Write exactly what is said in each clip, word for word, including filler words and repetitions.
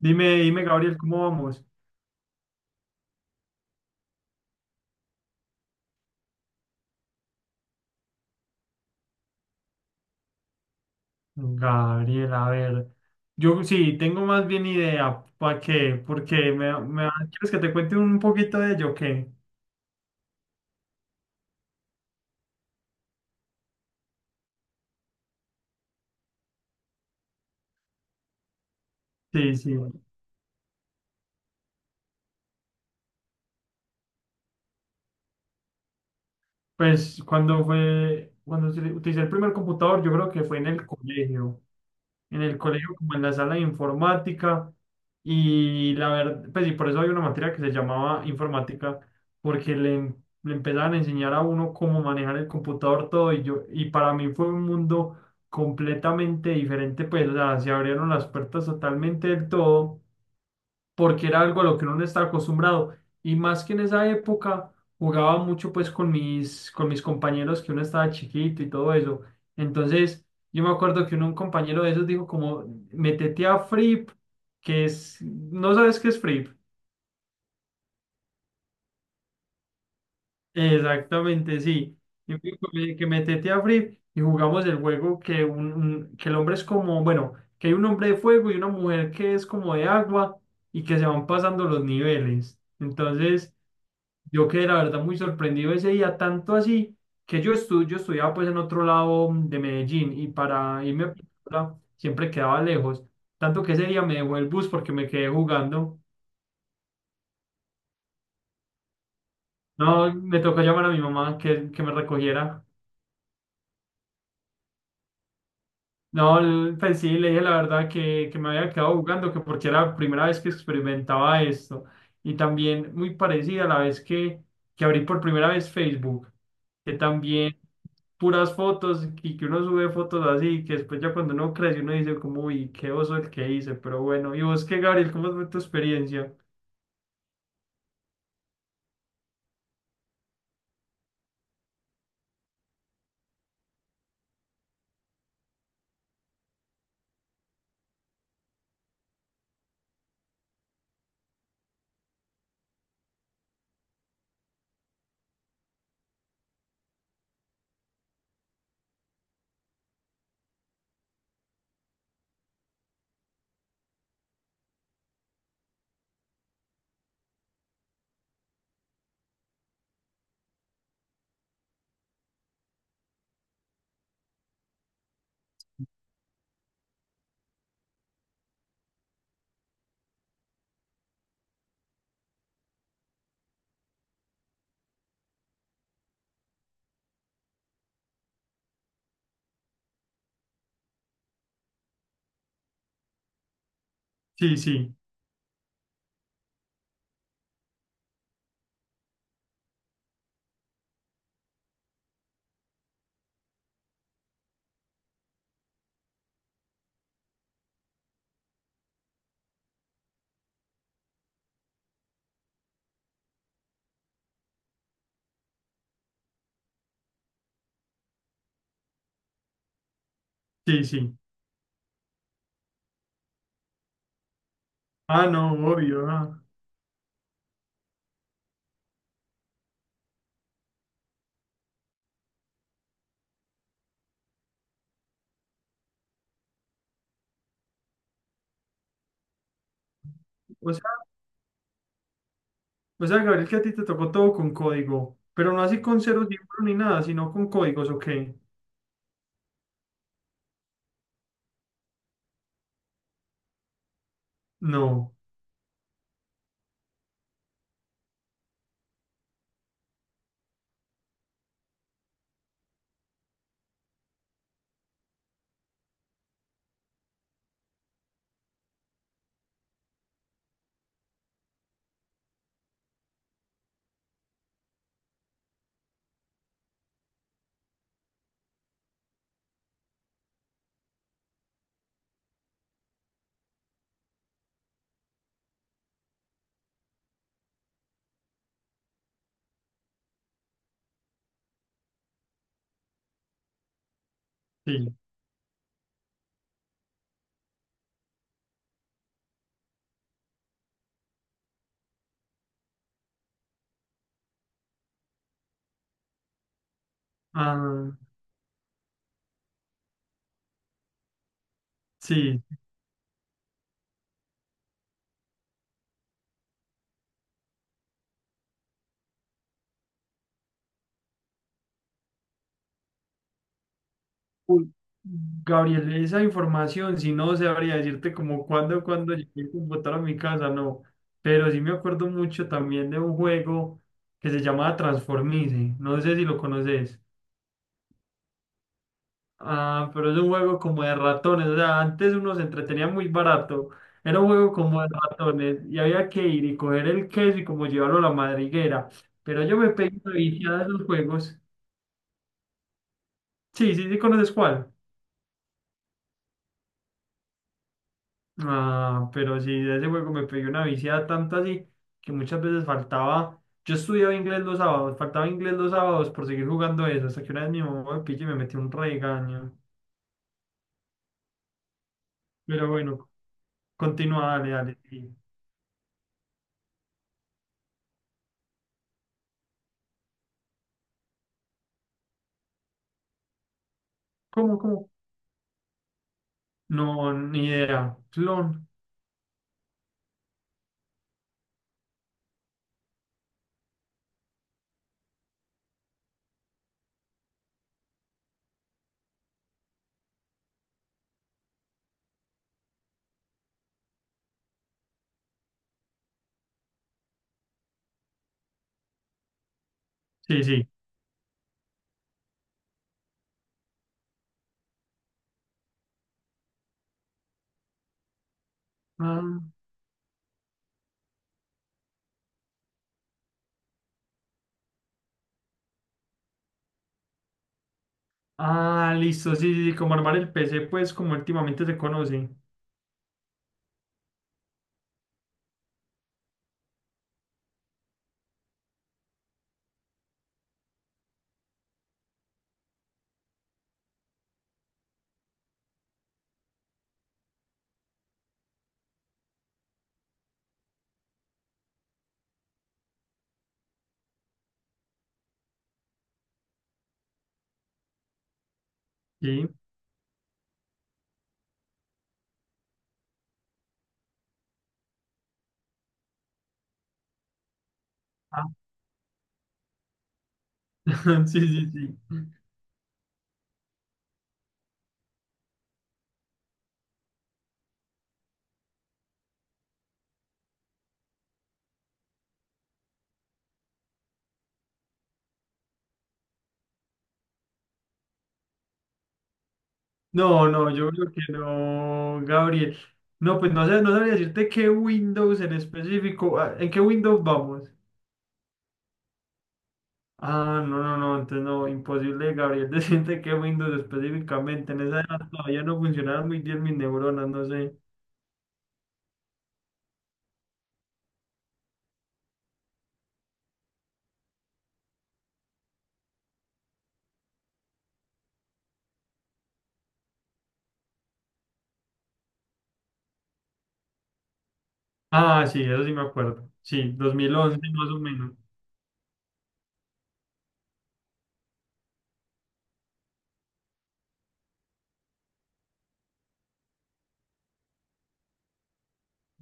Dime, dime, Gabriel, ¿cómo vamos? Gabriel, a ver, yo sí, tengo más bien idea, ¿para qué? Porque me, me, ¿quieres que te cuente un poquito de ello? ¿O qué? Sí, sí. Pues cuando fue, cuando se- utilicé el primer computador, yo creo que fue en el colegio, en el colegio, como en la sala de informática. Y la verdad, pues y por eso había una materia que se llamaba informática, porque le, em-, le empezaban a enseñar a uno cómo manejar el computador todo. Y yo, y para mí fue un mundo completamente diferente, pues o sea, se abrieron las puertas totalmente del todo porque era algo a lo que uno no está acostumbrado. Y más que en esa época jugaba mucho pues con mis, con mis compañeros, que uno estaba chiquito y todo eso. Entonces yo me acuerdo que uno, un compañero de esos dijo como, métete a Frip, que es, no sabes qué es Frip. Exactamente, sí. Y me dijo que que métete a Frip y jugamos el juego que, un, un- que el hombre es como, bueno, que hay un hombre de fuego y una mujer que es como de agua y que se van pasando los niveles. Entonces, yo quedé la verdad muy sorprendido ese día, tanto así que yo, estu yo estudiaba pues en otro lado de Medellín, y para irme a Piura siempre quedaba lejos, tanto que ese día me dejó el bus porque me quedé jugando. No, me tocó llamar a mi mamá que, que me recogiera. No, l- pues sí, le dije la verdad, que, que me había quedado jugando, que porque era la primera vez que experimentaba esto. Y también muy parecida a la vez que, que abrí por primera vez Facebook, que también puras fotos y que uno sube fotos así, que después ya cuando uno crece uno dice como, uy, qué oso el que hice, pero bueno. ¿Y vos qué, Gabriel? ¿Cómo fue tu experiencia? Sí, sí, sí, sí. Ah, no, obvio, ah. O sea, o sea, Gabriel, que a ti te tocó todo con código, pero no así con ceros y uno ni nada, sino con códigos, ¿o qué? No, sí. Ah, sí. Uy, Gabriel, esa información, si no, sabría decirte como cuándo, cuándo llegué el computador a mi casa, no. Pero sí me acuerdo mucho también de un juego que se llamaba Transformice. No sé si lo conoces. Ah, pero es un juego como de ratones. O sea, antes uno se entretenía muy barato. Era un juego como de ratones y había que ir y coger el queso y como llevarlo a la madriguera. Pero yo me pegué una viciada de esos juegos. Sí, sí, sí, ¿conoces cuál? Ah, pero sí, de ese juego me pegué una viciada tanto así que muchas veces faltaba. Yo estudiaba inglés los sábados, faltaba inglés los sábados por seguir jugando eso, hasta que una vez mi mamá me pilló y me metió un regaño. Pero bueno, continúa, dale, dale. Sí. ¿Cómo, cómo? No, ni idea. Clon. Sí, sí. Ah, ah, listo, sí, sí, sí, como armar el P C, pues como últimamente se conoce. Sí. Ah, sí, sí, sí. No, no, yo creo que no, Gabriel. No, pues no sé, no sabría decirte qué Windows en específico. Ah, ¿en qué Windows vamos? Ah, no, no, no, entonces no, imposible, Gabriel, decirte qué Windows específicamente. En esa edad todavía no funcionaban muy bien mis neuronas, no sé. Ah, sí, eso sí me acuerdo. Sí, dos mil once más o menos.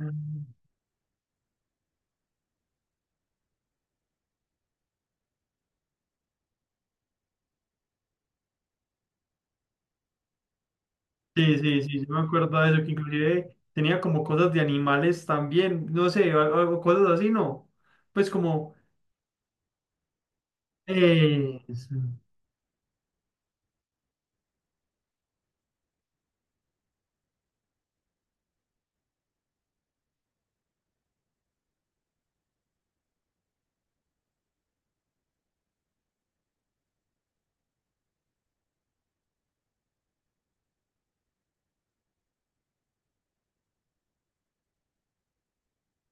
Mm. Sí, sí, sí, sí me acuerdo de eso, que inclusive tenía como cosas de animales también, no sé, o, o cosas así, ¿no? Pues como... Eso.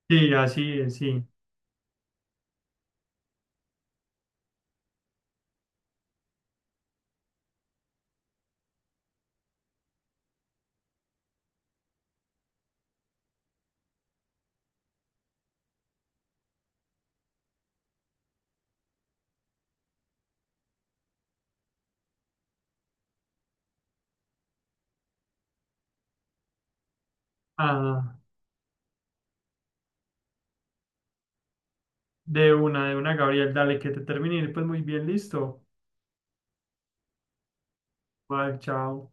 Sí, así es, sí. Ah, de una, de una, Gabriel, dale, que te termine. Pues muy bien, listo. Bye, chao.